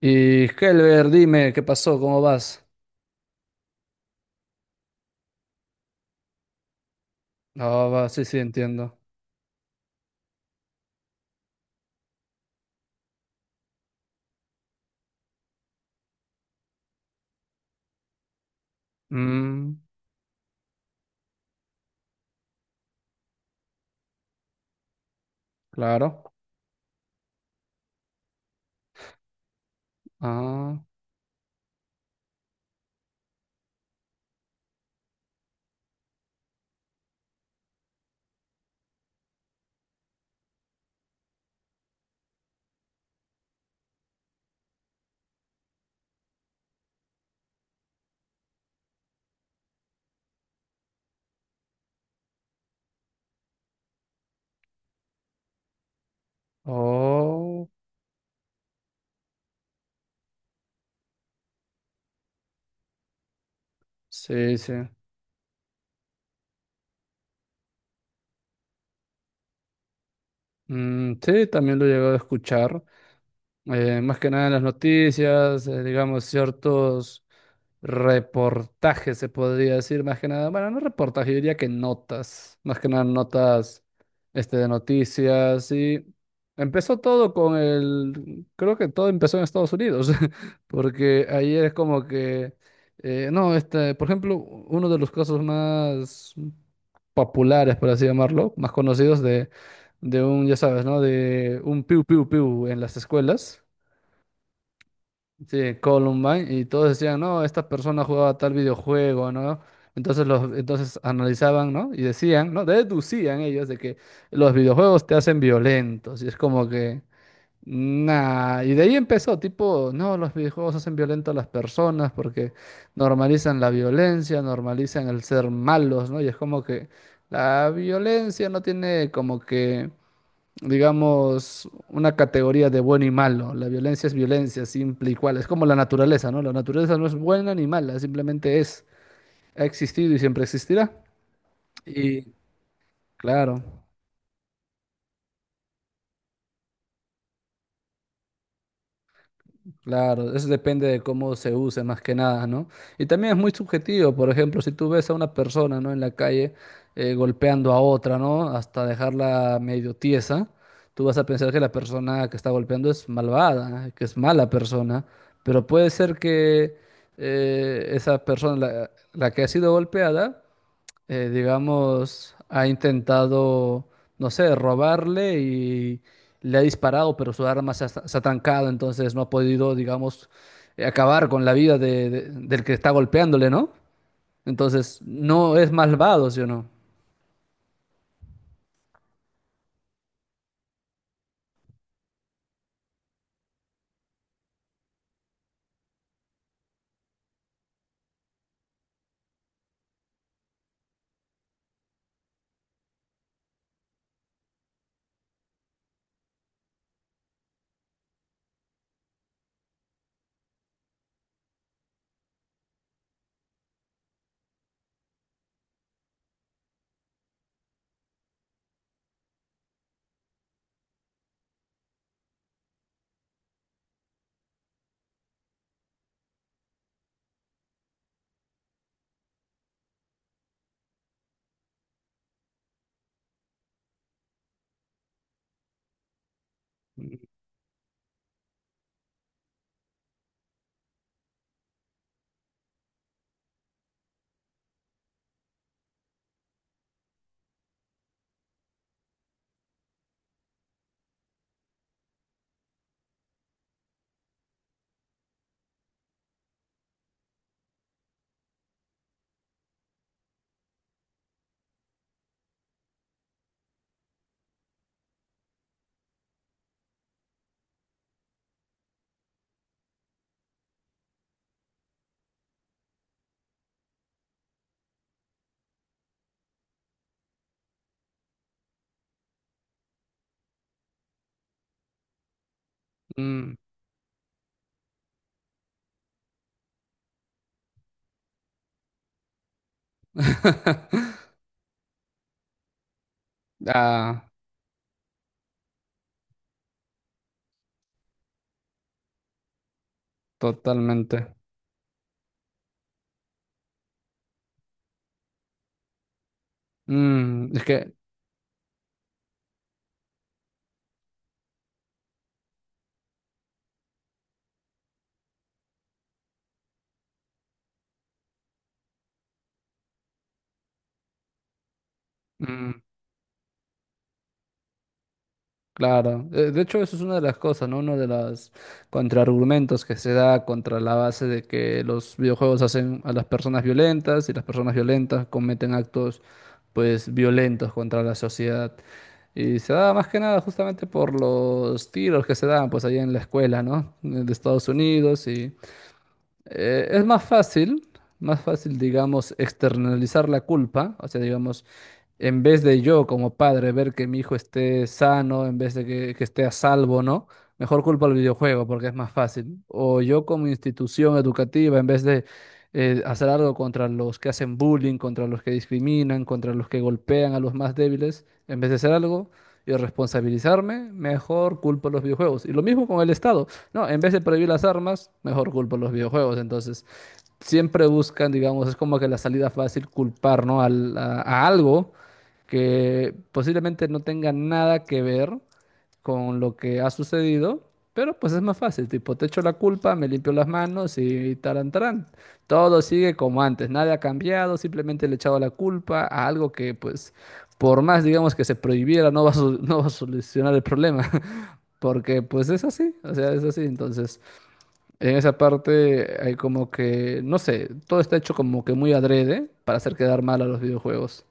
Y Helber, dime, ¿qué pasó? ¿Cómo vas? Ah, va, sí, sí, entiendo. Mm, claro. Ah, oh, sí, sí. Mm, sí, también lo he llegado a escuchar. Más que nada en las noticias, digamos, ciertos reportajes, se podría decir, más que nada, bueno, no reportajes, yo diría que notas, más que nada notas de noticias, y empezó todo con el, creo que todo empezó en Estados Unidos, porque ayer es como que, no, por ejemplo, uno de los casos más populares, por así llamarlo, más conocidos de un, ya sabes, ¿no? De un piu piu piu en las escuelas. Sí, Columbine, y todos decían, no, esta persona jugaba tal videojuego, ¿no? Entonces, entonces analizaban, ¿no? Y decían, ¿no? Deducían ellos de que los videojuegos te hacen violentos, y es como que, nah, y de ahí empezó, tipo, no, los videojuegos hacen violento a las personas porque normalizan la violencia, normalizan el ser malos, ¿no? Y es como que la violencia no tiene como que, digamos, una categoría de bueno y malo. La violencia es violencia, simple y cual. Es como la naturaleza, ¿no? La naturaleza no es buena ni mala, simplemente es, ha existido y siempre existirá. Y claro, claro, eso depende de cómo se use más que nada, ¿no? Y también es muy subjetivo, por ejemplo, si tú ves a una persona, ¿no?, en la calle golpeando a otra, ¿no?, hasta dejarla medio tiesa, tú vas a pensar que la persona que está golpeando es malvada, ¿eh?, que es mala persona, pero puede ser que esa persona, la que ha sido golpeada, digamos, ha intentado, no sé, robarle y le ha disparado, pero su arma se ha trancado, entonces no ha podido, digamos, acabar con la vida del que está golpeándole, ¿no? Entonces, no es malvado, ¿sí o no? Mm. Ah, totalmente. Mm, es que, mm. Claro. De hecho, eso es una de las cosas, ¿no? Uno de los contraargumentos que se da contra la base de que los videojuegos hacen a las personas violentas, y las personas violentas cometen actos, pues, violentos contra la sociedad. Y se da más que nada justamente por los tiros que se dan, pues, allá en la escuela, ¿no?, de Estados Unidos. Y es más fácil, digamos, externalizar la culpa, o sea, digamos, en vez de yo como padre ver que mi hijo esté sano, en vez de que esté a salvo, ¿no? Mejor culpa al videojuego porque es más fácil. O yo como institución educativa, en vez de hacer algo contra los que hacen bullying, contra los que discriminan, contra los que golpean a los más débiles, en vez de hacer algo y responsabilizarme, mejor culpo a los videojuegos. Y lo mismo con el Estado. No, en vez de prohibir las armas, mejor culpa a los videojuegos. Entonces, siempre buscan, digamos, es como que la salida fácil: culpar, ¿no?, a algo que posiblemente no tenga nada que ver con lo que ha sucedido, pero pues es más fácil. Tipo, te echo la culpa, me limpio las manos y tarán, tarán. Todo sigue como antes, nada ha cambiado, simplemente le he echado la culpa a algo que, pues, por más, digamos, que se prohibiera, no va a, sol- no va a solucionar el problema. Porque pues es así, o sea, es así. Entonces, en esa parte hay como que, no sé, todo está hecho como que muy adrede para hacer quedar mal a los videojuegos.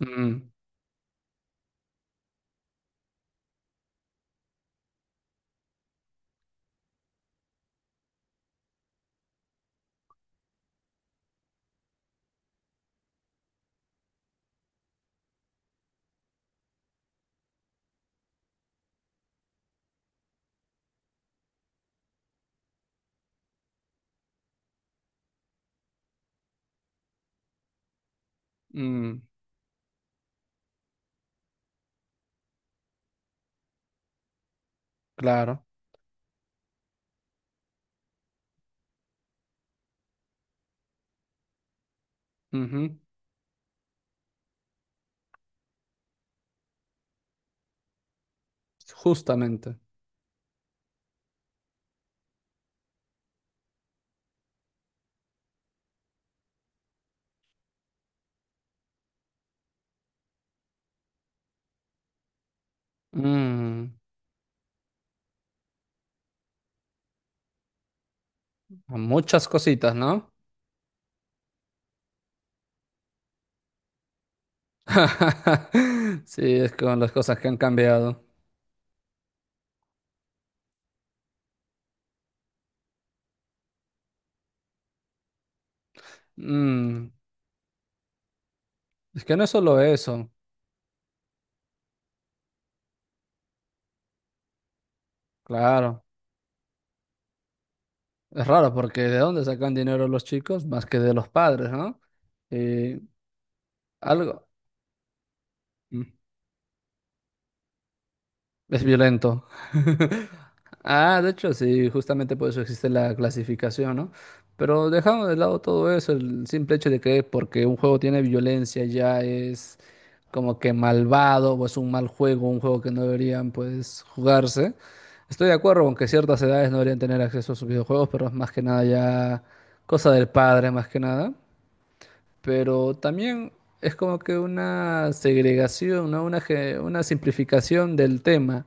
Mm, mm, claro. Ujú, justamente. Mm, muchas cositas, ¿no? Sí, es con las cosas que han cambiado. Mm, es que no es solo eso, claro. Es raro porque, ¿de dónde sacan dinero los chicos? Más que de los padres, ¿no? Eh, Algo. Es violento. Ah, de hecho, sí, justamente por eso existe la clasificación, ¿no? Pero dejando de lado todo eso, el simple hecho de que, porque un juego tiene violencia, ya es como que malvado o es un mal juego, un juego que no deberían pues jugarse. Estoy de acuerdo con que ciertas edades no deberían tener acceso a sus videojuegos, pero es más que nada ya cosa del padre, más que nada, pero también es como que una segregación, ¿no?, una simplificación del tema.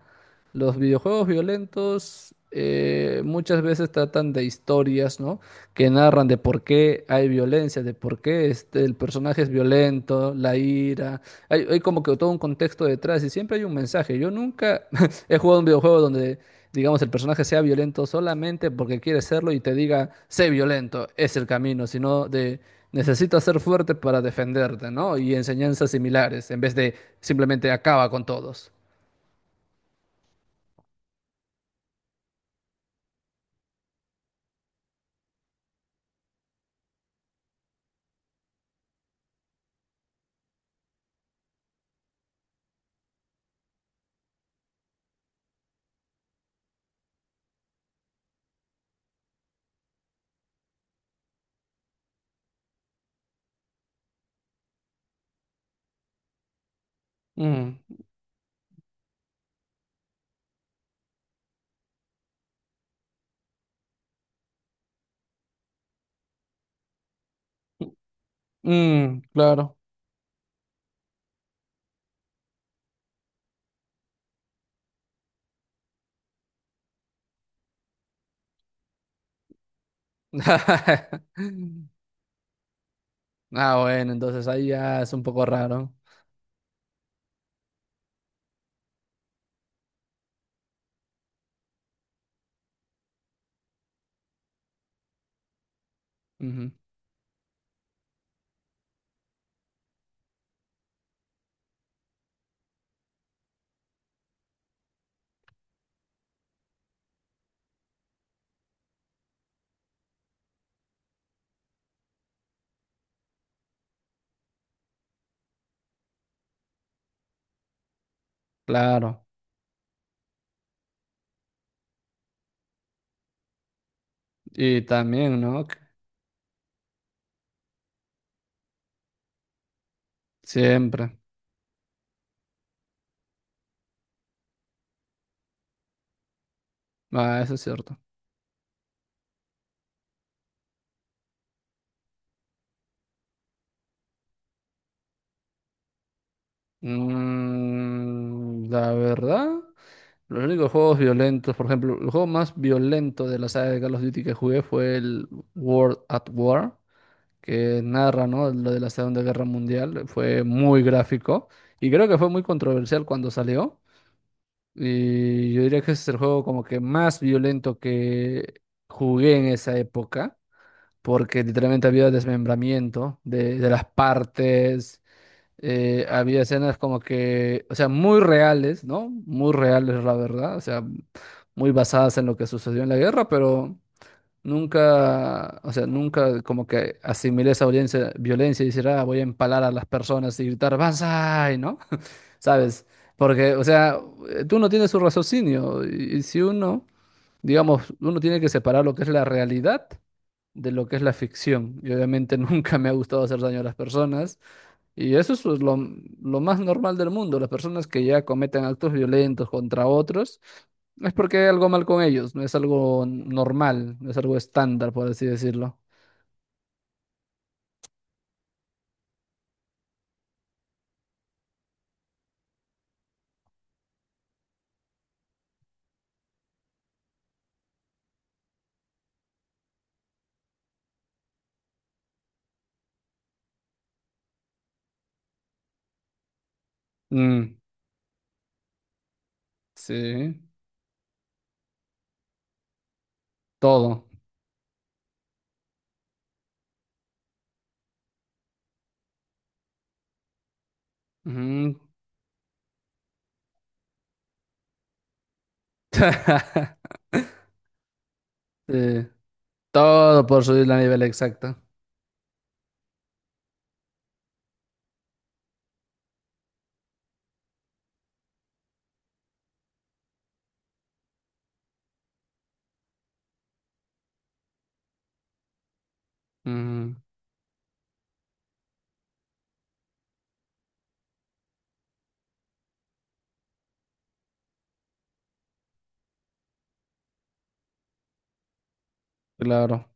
Los videojuegos violentos, muchas veces tratan de historias, ¿no?, que narran de por qué hay violencia, de por qué el personaje es violento, la ira. Hay como que todo un contexto detrás, y siempre hay un mensaje. Yo nunca he jugado un videojuego donde, digamos, el personaje sea violento solamente porque quiere serlo y te diga: sé violento, es el camino, sino de necesitas ser fuerte para defenderte, ¿no?, y enseñanzas similares, en vez de simplemente acaba con todos. Mm, mm, claro. Ah, bueno, entonces ahí ya es un poco raro. Ujú, claro. Y también, ¿no?, que siempre. Ah, eso es cierto. Mm, la verdad, los únicos juegos violentos, por ejemplo, el juego más violento de la saga de Call of Duty que jugué fue el World at War, que narra, ¿no?, lo de la Segunda Guerra Mundial. Fue muy gráfico, y creo que fue muy controversial cuando salió. Y yo diría que ese es el juego como que más violento que jugué en esa época, porque literalmente había desmembramiento de las partes, había escenas como que, o sea, muy reales, ¿no? Muy reales, la verdad, o sea, muy basadas en lo que sucedió en la guerra, pero. Nunca, o sea, nunca como que asimilé esa violencia, violencia, y decir, ah, voy a empalar a las personas y gritar, ¡Banzai! ¿No? ¿Sabes? Porque, o sea, tú no tienes su raciocinio, y si uno, digamos, uno tiene que separar lo que es la realidad de lo que es la ficción. Y obviamente nunca me ha gustado hacer daño a las personas. Y eso es, pues, lo más normal del mundo. Las personas que ya cometen actos violentos contra otros, es porque hay algo mal con ellos, no es algo normal, no es algo estándar, por así decirlo. Mm, sí, todo. Ujú. Sí, todo por subir la nivel, exacto. Ujú, claro,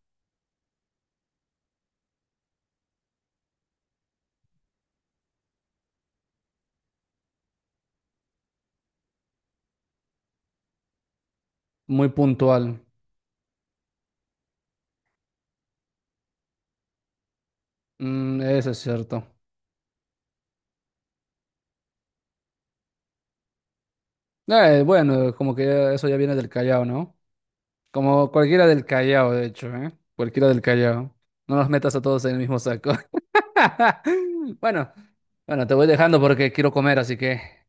muy puntual. Mm, eso es cierto. Bueno, como que eso ya viene del Callao, ¿no? Como cualquiera del Callao, de hecho, ¿eh? Cualquiera del Callao. No los metas a todos en el mismo saco. Bueno, bueno, te voy dejando porque quiero comer, así que.